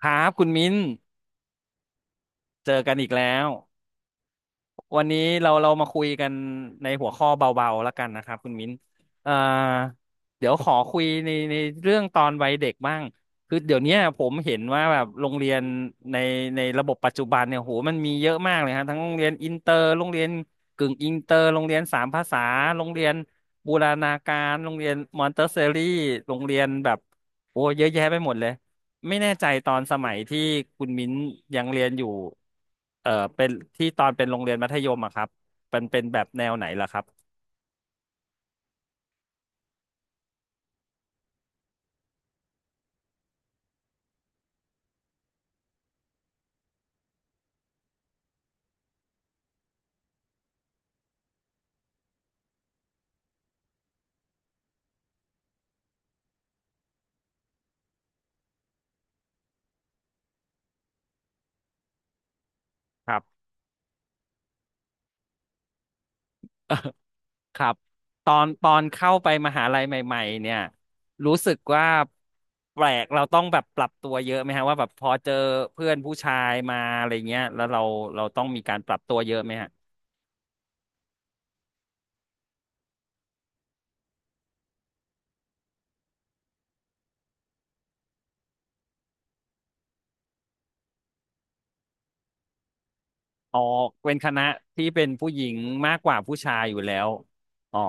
ครับคุณมิ้นเจอกันอีกแล้ววันนี้เรามาคุยกันในหัวข้อเบาๆแล้วกันนะครับคุณมิ้นเอ่อเดี๋ยวขอคุยในเรื่องตอนวัยเด็กบ้างคือเดี๋ยวเนี้ยผมเห็นว่าแบบโรงเรียนในในระบบปัจจุบันเนี่ยโหมันมีเยอะมากเลยฮะทั้งโรงเรียนอินเตอร์โรงเรียนกึ่งอินเตอร์โรงเรียนสามภาษาโรงเรียนบูรณาการโรงเรียนมอนเตสซอรี่โรงเรียนแบบโอ้เยอะแยะไปหมดเลย ไม่แน่ใจตอนสมัยที่คุณมิ้นยังเรียนอยู่เป็นที่ตอนเป็นโรงเรียนมัธยมอะครับมันเป็นแบบแนวไหนล่ะครับ ครับ ครับ ตอนเข้าไปมหาลัยใหม่ๆเนี่ย รู้สึกว่าแปลกเราต้องแบบปรับตัวเยอะไหมฮะว่าแบบพอเจอเพื่อนผู้ชายมาอะไรเงี้ยแล้วเราต้องมีการปรับตัวเยอะไหมฮะอ๋อเป็นคณะที่เป็นผู้หญิงมากกว่าผู้ชายอยู่แล้วอ๋อ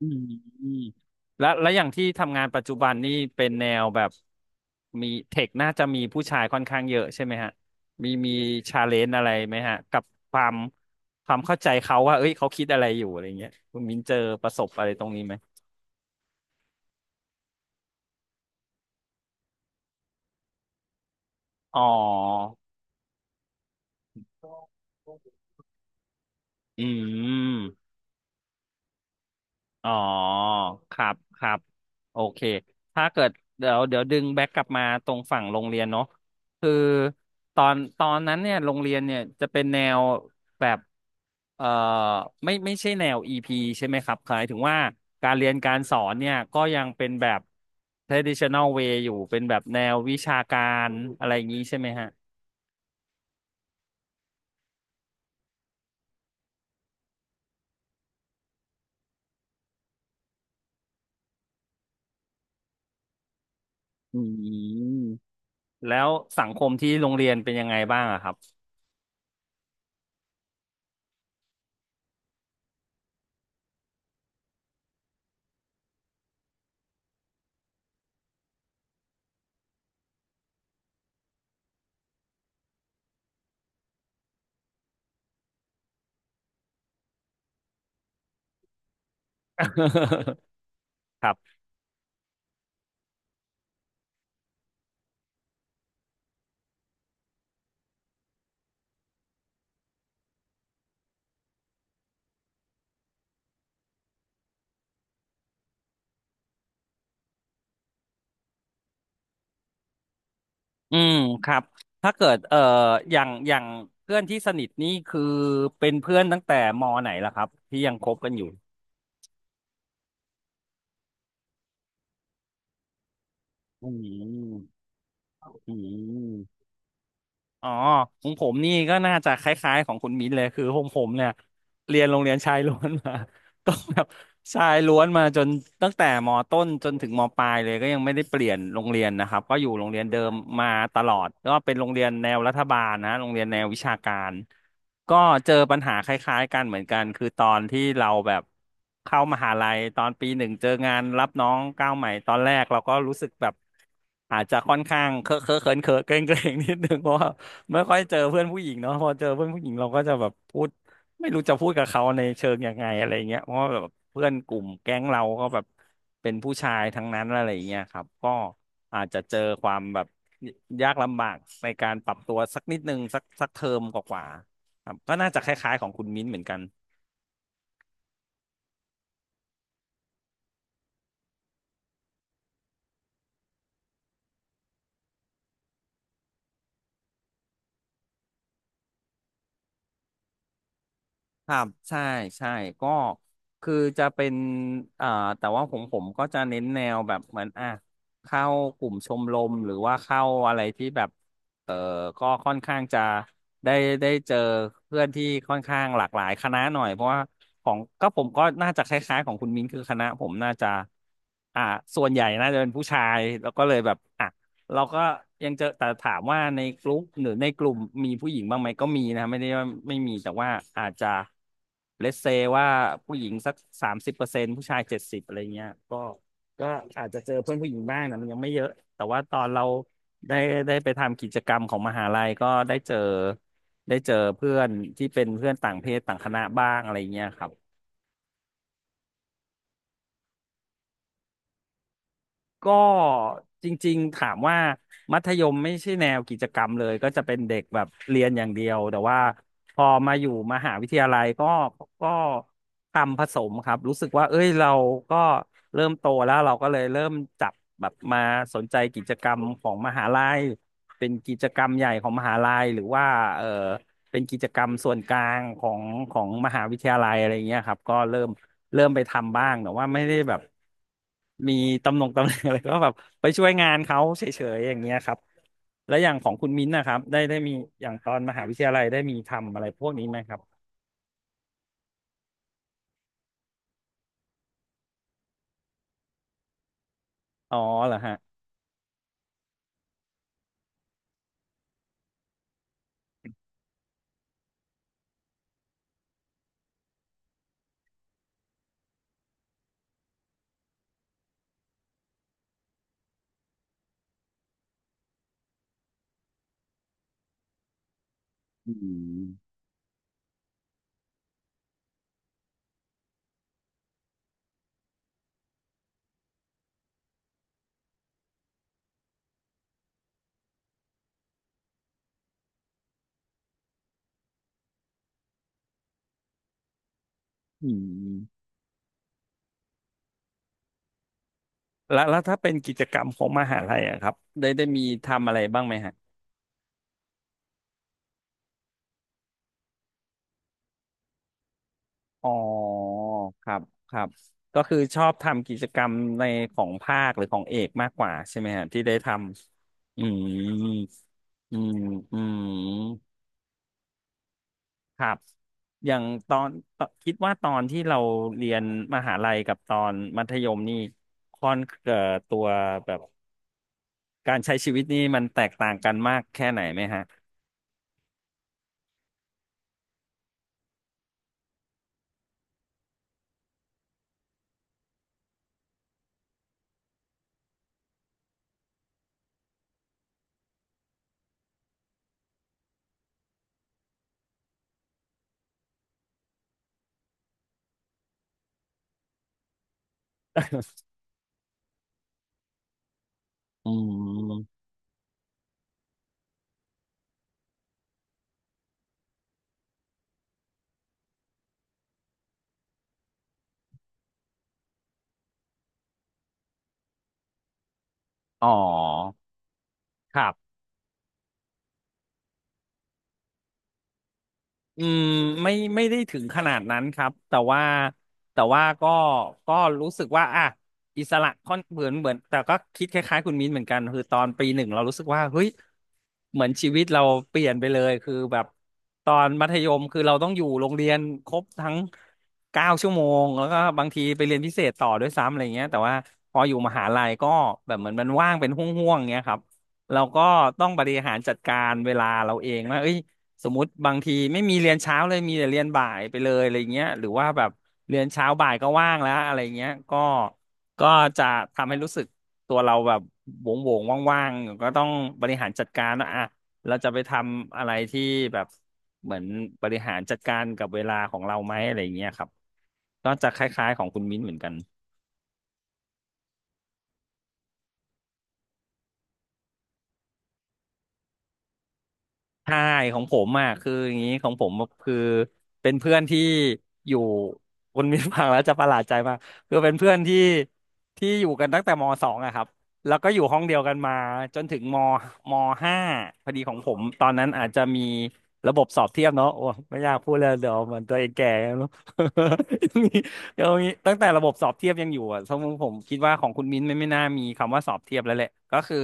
อืมอืมแล้วแล้วอย่างที่ทำงานปัจจุบันนี่เป็นแนวแบบมีเทคน่าจะมีผู้ชายค่อนข้างเยอะใช่ไหมฮะมีชาเลนจ์อะไรไหมฮะกับความความเข้าใจเขาว่าเอ้ยเขาคิดอะไรอยู่อะไรเงี้ยคุณมินเจอประสบอะไรตรงนี้ไหมอ๋ออืม อ๋อครับครับโอเคถ้าเกิดเดี๋ยวดึงแบ็กกลับมาตรงฝั่งโรงเรียนเนาะคือตอนนั้นเนี่ยโรงเรียนเนี่ยจะเป็นแนวแบบเอ่อไม่ใช่แนวอีพีใช่ไหมครับหมายถึงว่าการเรียนการสอนเนี่ยก็ยังเป็นแบบ traditional way อยู่เป็นแบบแนววิชาการอะไรอย่างนี้ใช่ไหมฮะอืมแล้วสังคมที่โรงเรียนเป็นยังไงบ้างอะครับ ครับ อืมครับถ้าเกิดอย่างเพื่อนที่สนิทนี่คือเป็นเพื่อนตั้งแต่มอไหนล่ะครับที่ยังคบกันอยู่อืมอืม อ๋อของผมนี่ก็น่าจะคล้ายๆของคุณมิ้นเลยคือผมเนี่ยเรียนโรงเรียนชายล้วนมา ก็แบบชายล้วนมาจนตั้งแต่มต้นจนถึงมปลายเลยก็ยังไม่ได้เปลี่ยนโรงเรียนนะครับก็อยู่โรงเรียนเดิมมาตลอดก็เป็นโรงเรียนแนวรัฐบาลนะโรงเรียนแนววิชาการก็เจอปัญหาคล้ายๆกันเหมือนกันคือตอนที่เราแบบเข้ามหาลัยตอนปีหนึ่งเจองานรับน้องก้าวใหม่ตอนแรกเราก็รู้สึกแบบอาจจะค่อนข้างเคอะเคอะเขินเขินเกรงเกรง นิดนึงเพราะว่า ไม่ค่อยเจอเพื่อนผู้หญิงเนาะพอเจอเพื่อนผู้หญิงเราก็จะแบบพูดไม่รู้จะพูดกับเขาในเชิงยังไงอะไรเงี้ยเพราะว่าแบบเพื่อนกลุ่มแก๊งเราก็แบบเป็นผู้ชายทั้งนั้นอะไรเงี้ยครับก็อาจจะเจอความแบบยากลำบากในการปรับตัวสักนิดนึงสักเทอมกว่าๆครับก็น่าจะคล้ายๆของคุณมิ้นท์เหมือนกัน ครับใช่ใช่ก็คือจะเป็นอ่าแต่ว่าผมก็จะเน้นแนวแบบเหมือนอ่ะเข้ากลุ่มชมรมหรือว่าเข้าอะไรที่แบบเออก็ค่อนข้างจะได้ได้เจอเพื่อนที่ค่อนข้างหลากหลายคณะหน่อยเพราะว่าของก็ผมก็น่าจะคล้ายๆของคุณมิ้นคือคณะผมน่าจะอ่าส่วนใหญ่น่าจะเป็นผู้ชายแล้วก็เลยแบบอ่ะ เราก็ยังเจอแต่ถามว่าในกลุ่มหรือในกลุ่มมีผู้หญิงบ้างไหมก็มีนะไม่ได้ว่าไม่มีแต่ว่าอาจจะเลสเซว่าผู้หญิงสัก30%ผู้ชาย70อะไรเงี้ยก็ก็อาจจะเจอเพื่อนผู้หญิงบ้างนะมันยังไม่เยอะแต่ว่าตอนเราได้ได้ไปทำกิจกรรมของมหาลัยก็ได้เจอได้เจอเพื่อนที่เป็นเพื่อนต่างเพศต่างคณะบ้างอะไรเงี้ยครับ ก็จริงๆถามว่ามัธยมไม่ใช่แนวกิจกรรมเลยก็จะเป็นเด็กแบบเรียนอย่างเดียวแต่ว่าพอมาอยู่มหาวิทยาลัยก็ก็ทำผสมครับรู้สึกว่าเอ้ยเราก็เริ่มโตแล้วเราก็เลยเริ่มจับแบบมาสนใจกิจกรรมของมหาลัยเป็นกิจกรรมใหญ่ของมหาลัยหรือว่าเออ เป็นกิจกรรมส่วนกลางของมหาวิทยาลัยอะไรเงี้ยครับก็เริ่มไปทำบ้างแต่ว่าไม่ได้แบบมีตำแหน่งอะไรก็แบบไปช่วยงานเขาเฉยๆอย่างเงี้ยครับแล้วอย่างของคุณมิ้นท์นะครับได้มีอย่างตอนมหาวิทยาลัยได้มีทำอะไรพวกนี้ไหมครับอ๋อเหรอฮะอืมอืมแล้วถ้าเป็นกิจกรรมของมหาลัยอะครับได้มีทำอะไรบ้างไหมฮะ อ๋อครับครับก็คือชอบทำกิจกรรมในของภาคหรือของเอกมากกว่าใช่ไหมฮะที่ได้ทำอืมอืมอืมครับอย่างตอนคิดว่าตอนที่เราเรียนมหาลัยกับตอนมัธยมนี่ค่อนตัวแบบการใช้ชีวิตนี่มันแตกต่างกันมากแค่ไหนไหมฮะอืมอ๋อครับ อืมไม่ได้ถึงขนาดนั้นครับแต่ว่าก็รู้สึกว่าอ่ะอิสระค่อนเหมือนแต่ก็คิดคล้ายๆคุณมิ้นเหมือนกันคือตอนปีหนึ่งเรารู้สึกว่าเฮ้ยเหมือนชีวิตเราเปลี่ยนไปเลยคือแบบตอนมัธยมคือเราต้องอยู่โรงเรียนครบทั้งเก้าชั่วโมงแล้วก็บางทีไปเรียนพิเศษต่อด้วยซ้ำอะไรเงี้ยแต่ว่าพออยู่มหาลัยก็แบบเหมือนมันว่างเป็นห่วงๆเงี้ยครับเราก็ต้องบริหารจัดการเวลาเราเองว่าเอ้ย สมมติบางทีไม่มีเรียนเช้าเลยมีแต่เรียนบ่ายไปเลยอะไรเงี้ยหรือว่าแบบเรียนเช้าบ่ายก็ว่างแล้วอะไรเงี้ยก็จะทำให้รู้สึกตัวเราแบบโหวงโวงว่างๆก็ต้องบริหารจัดการว่าอ่ะเราจะไปทำอะไรที่แบบเหมือนบริหารจัดการกับเวลาของเราไหมอะไรเงี้ยครับก็จะคล้ายๆของคุณมิ้นเหมือนกัน ใช่ของผมอ่ะคืออย่างนี้ของผมคือเป็นเพื่อนที่อยู่ คุณมินฟังแล้วจะประหลาดใจมากคือเป็นเพื่อนที่อยู่กันตั้งแต่มสองอะครับแล้วก็อยู่ห้องเดียวกันมาจนถึงมห้าพอดีของผมตอนนั้นอาจจะมีระบบสอบเทียบเนาะโอ้ไม่อยากพูดเลยเดี๋ยวเหมือนตัวเองแก่แล้วเนอะ ยังมีตั้งแต่ระบบสอบเทียบยังอยู่อ่ะสมมติผมคิดว่าของคุณมิ้นไม่น่ามีคำว่าสอบเทียบแล้วแหละก็คือ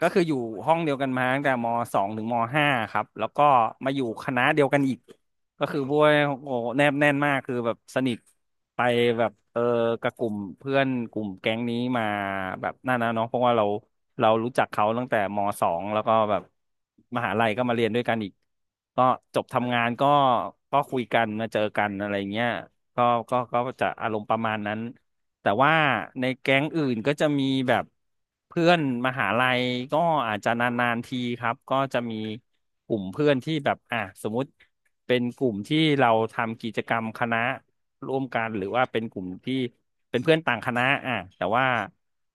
ก็คืออยู่ห้องเดียวกันมาตั้งแต่มสองถึงมห้าครับ แล้วก็มาอยู่คณะเดียวกันอีก ก็คือพวกโอ้แนบแน่นมากคือแบบสนิทไปแบบเออกับกลุ่มเพื่อนกลุ่มแก๊งนี้มาแบบนั่นนะเนาะเพราะว่าเรารู้จักเขาตั้งแต่มสองแล้วก็แบบมหาลัยก็มาเรียนด้วยกันอีกก็จบทำงานก็ก็คุยกันมาเจอกันอะไรเงี้ยก็ก็จะอารมณ์ประมาณนั้น แต่ว่าในแก๊งอื่นก็จะมีแบบเพื่อนมหาลัยก็อาจจะนานๆทีครับก็จะมีกลุ่มเพื่อนที่แบบอ่ะสมมุติเป็นกลุ่มที่เราทำกิจกรรมคณะร่วมกันหรือว่าเป็นกลุ่มที่เป็นเพื่อนต่างคณะอ่ะแต่ว่า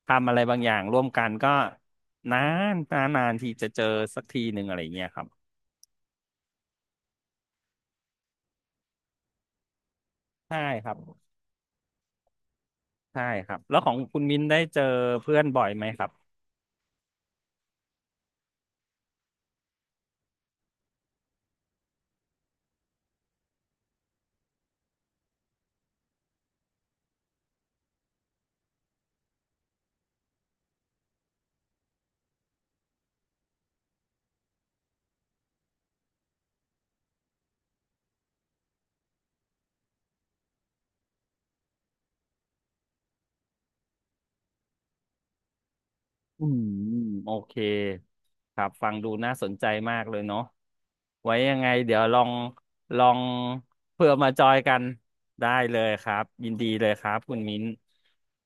ทำอะไรบางอย่างร่วมกันก็นานนานนานทีจะเจอสักทีหนึ่งอะไรอย่างเงี้ยครับใช่ครับใช่ครับแล้วของคุณมิ้นได้เจอเพื่อนบ่อยไหมครับ อืมโอเคครับฟังดูน่าสนใจมากเลยเนาะไว้ยังไงเดี๋ยวลองลองเพื่อมาจอยกันได้เลยครับยินดีเลยครับคุณมิ้น